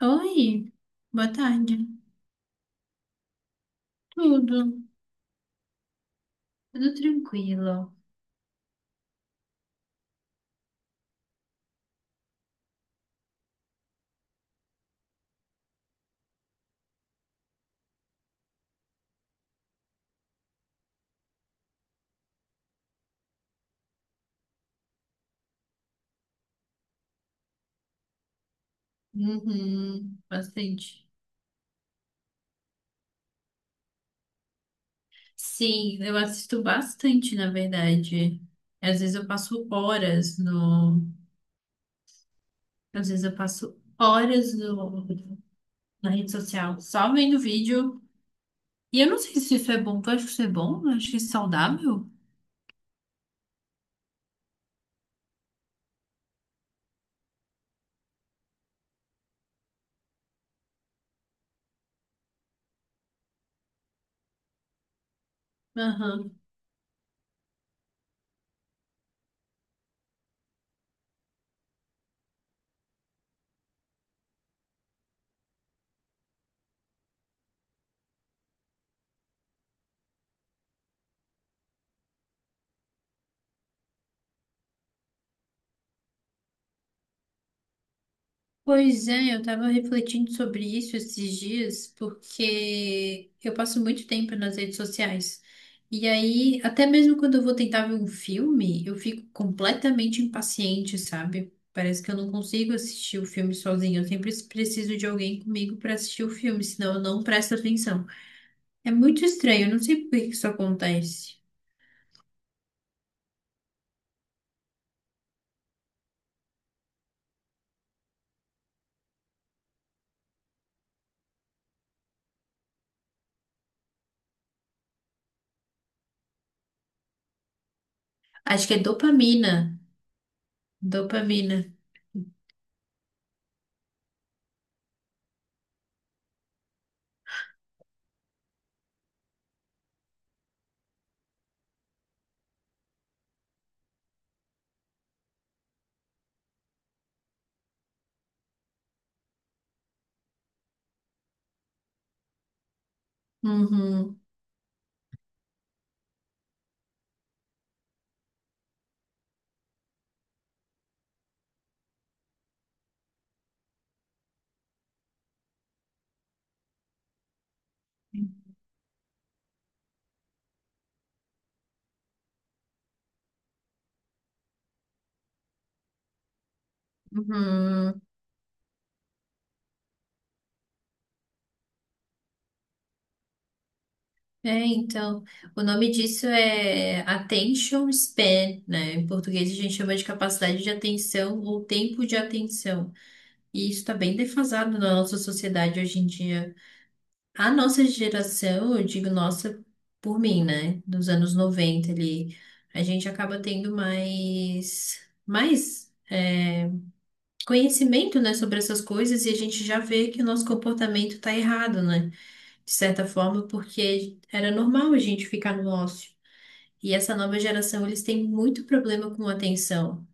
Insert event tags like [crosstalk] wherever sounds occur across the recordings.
Oi, boa tarde. Tudo, tudo tranquilo. Uhum, bastante. Sim, eu assisto bastante, na verdade. Às vezes eu passo horas no, às vezes eu passo horas no, na rede social só vendo vídeo. E eu não sei se isso é bom. Tu acha que isso é bom? Eu acho isso saudável. Aham. Pois é, eu estava refletindo sobre isso esses dias, porque eu passo muito tempo nas redes sociais. E aí, até mesmo quando eu vou tentar ver um filme, eu fico completamente impaciente, sabe? Parece que eu não consigo assistir o filme sozinha. Eu sempre preciso de alguém comigo para assistir o filme, senão eu não presto atenção. É muito estranho, eu não sei por que que isso acontece. Acho que é dopamina. Dopamina. Uhum, uhum. É, então, o nome disso é attention span, né? Em português a gente chama de capacidade de atenção ou tempo de atenção. E isso está bem defasado na nossa sociedade hoje em dia. A nossa geração, eu digo nossa por mim, né? Dos anos 90 ali, a gente acaba tendo mais, mais é, conhecimento, né, sobre essas coisas e a gente já vê que o nosso comportamento está errado, né? De certa forma, porque era normal a gente ficar no ócio. E essa nova geração, eles têm muito problema com atenção,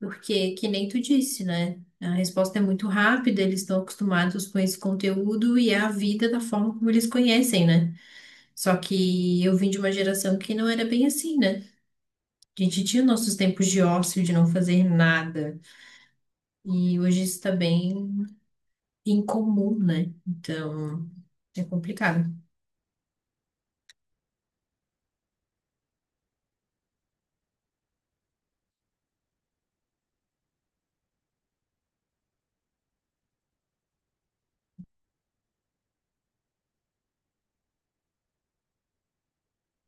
porque, que nem tu disse, né? A resposta é muito rápida, eles estão acostumados com esse conteúdo e é a vida da forma como eles conhecem, né? Só que eu vim de uma geração que não era bem assim, né? A gente tinha nossos tempos de ócio, de não fazer nada, e hoje isso está bem incomum, né? Então, é complicado.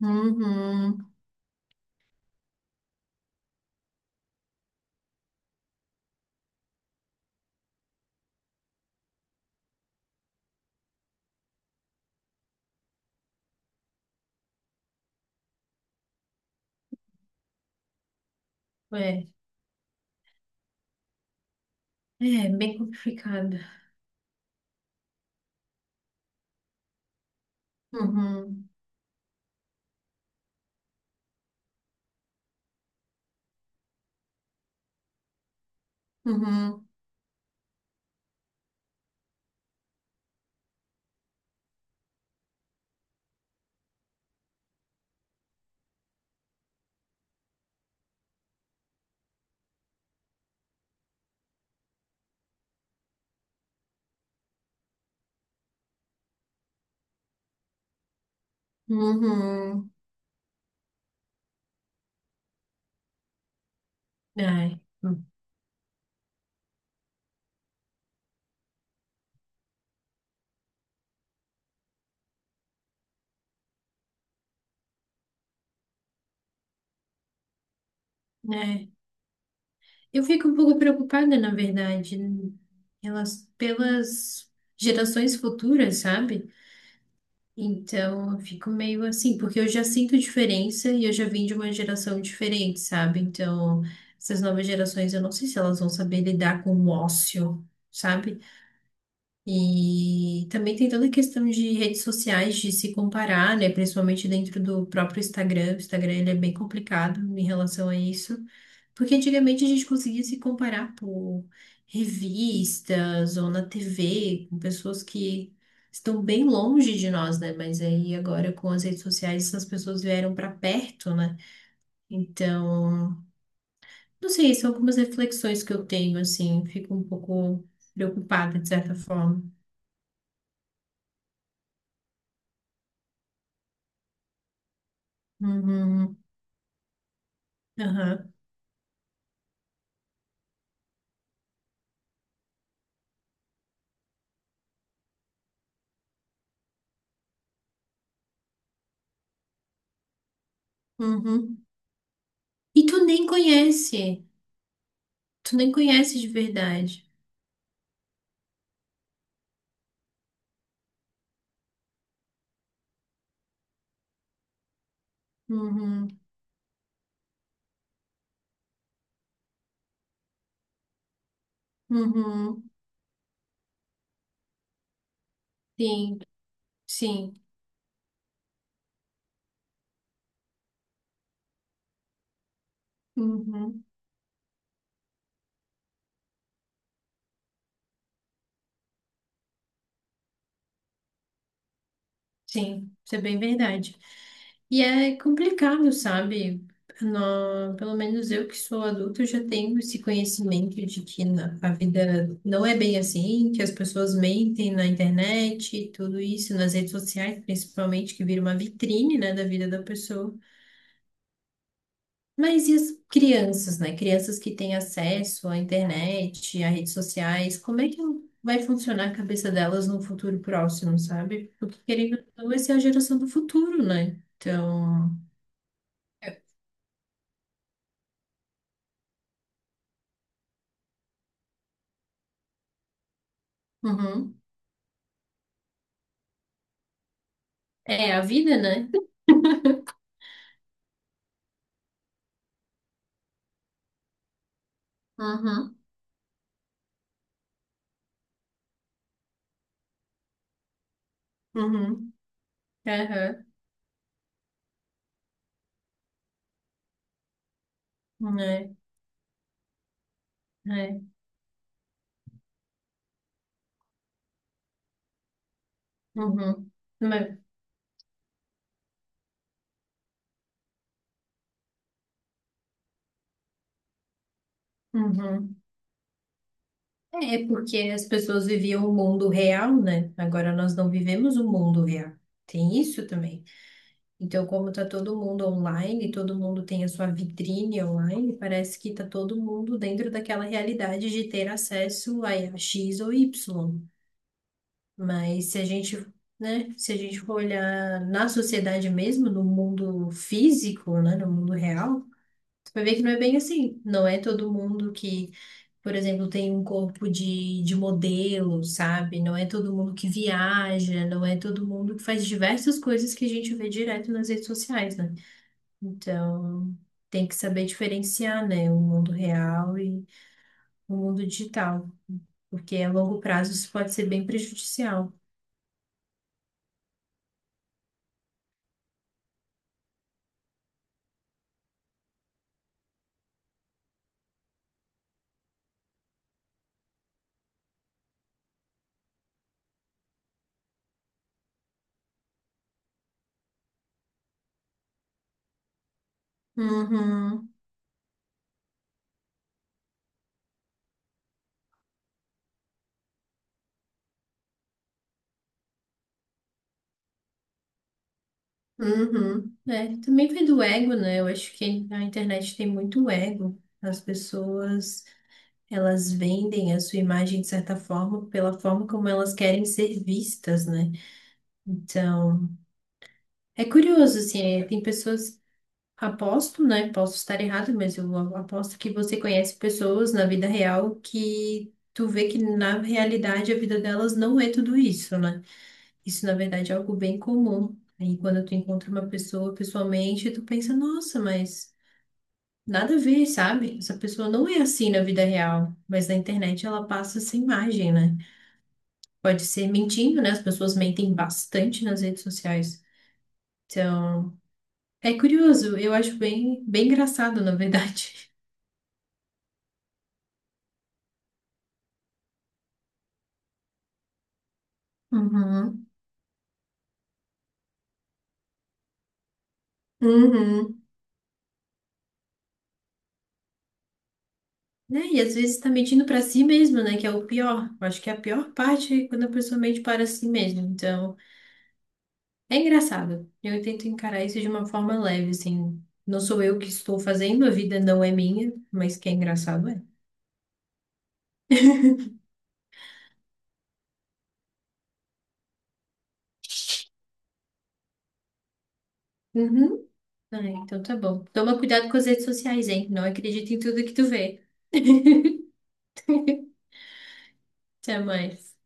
Uhum. É, é bem complicado. Uhum. Uhum. Uhum. Ai, né? Eu fico um pouco preocupada, na verdade, pelas gerações futuras, sabe? Então, eu fico meio assim, porque eu já sinto diferença e eu já vim de uma geração diferente, sabe? Então, essas novas gerações, eu não sei se elas vão saber lidar com o ócio, sabe? E também tem toda a questão de redes sociais, de se comparar, né? Principalmente dentro do próprio Instagram. O Instagram, ele é bem complicado em relação a isso. Porque antigamente a gente conseguia se comparar por revistas ou na TV, com pessoas que estão bem longe de nós, né? Mas aí agora com as redes sociais essas pessoas vieram para perto, né? Então, não sei, são algumas reflexões que eu tenho, assim, fico um pouco preocupada de certa forma. Uhum, aham, uhum. E tu nem conhece de verdade. Uhum, uhum, sim, sim. Uhum. Sim, isso é bem verdade. E é complicado, sabe? Pelo menos eu que sou adulta, eu já tenho esse conhecimento de que a vida não é bem assim, que as pessoas mentem na internet, tudo isso, nas redes sociais, principalmente, que vira uma vitrine, né, da vida da pessoa. Mas e as crianças, né? Crianças que têm acesso à internet, a redes sociais, como é que vai funcionar a cabeça delas no futuro próximo, sabe? Porque querendo ou não, vai ser a geração do futuro, né? Então, uhum. É a vida, né? Uhum, uhum, aham, é, é, uhum, mas- uhum. É porque as pessoas viviam o mundo real, né? Agora nós não vivemos o mundo real. Tem isso também. Então, como está todo mundo online, todo mundo tem a sua vitrine online, parece que está todo mundo dentro daquela realidade de ter acesso a X ou Y. Mas se a gente, né, se a gente for olhar na sociedade mesmo, no mundo físico, né, no mundo real, você vai ver que não é bem assim. Não é todo mundo que, por exemplo, tem um corpo de modelo, sabe? Não é todo mundo que viaja, não é todo mundo que faz diversas coisas que a gente vê direto nas redes sociais, né? Então, tem que saber diferenciar, né, o mundo real e o mundo digital, porque a longo prazo isso pode ser bem prejudicial. Uhum, uhum. É, também vem do ego, né? Eu acho que a internet tem muito ego. As pessoas, elas vendem a sua imagem de certa forma pela forma como elas querem ser vistas, né? Então, é curioso, assim, é, tem pessoas. Aposto, né? Posso estar errado, mas eu aposto que você conhece pessoas na vida real que tu vê que na realidade a vida delas não é tudo isso, né? Isso na verdade é algo bem comum. Aí quando tu encontra uma pessoa pessoalmente, tu pensa, nossa, mas nada a ver, sabe? Essa pessoa não é assim na vida real, mas na internet ela passa essa imagem, né? Pode ser mentindo, né? As pessoas mentem bastante nas redes sociais. Então, é curioso, eu acho bem, bem engraçado, na verdade. Uhum. Uhum. Né? E às vezes tá mentindo pra si mesmo, né? Que é o pior. Eu acho que é a pior parte é quando a pessoa mente para si mesmo. Então, é engraçado. Eu tento encarar isso de uma forma leve, assim. Não sou eu que estou fazendo, a vida não é minha, mas que é engraçado é. [laughs] Uhum. Ah, então tá bom. Toma cuidado com as redes sociais, hein? Não acredita em tudo que tu vê. [laughs] Até mais.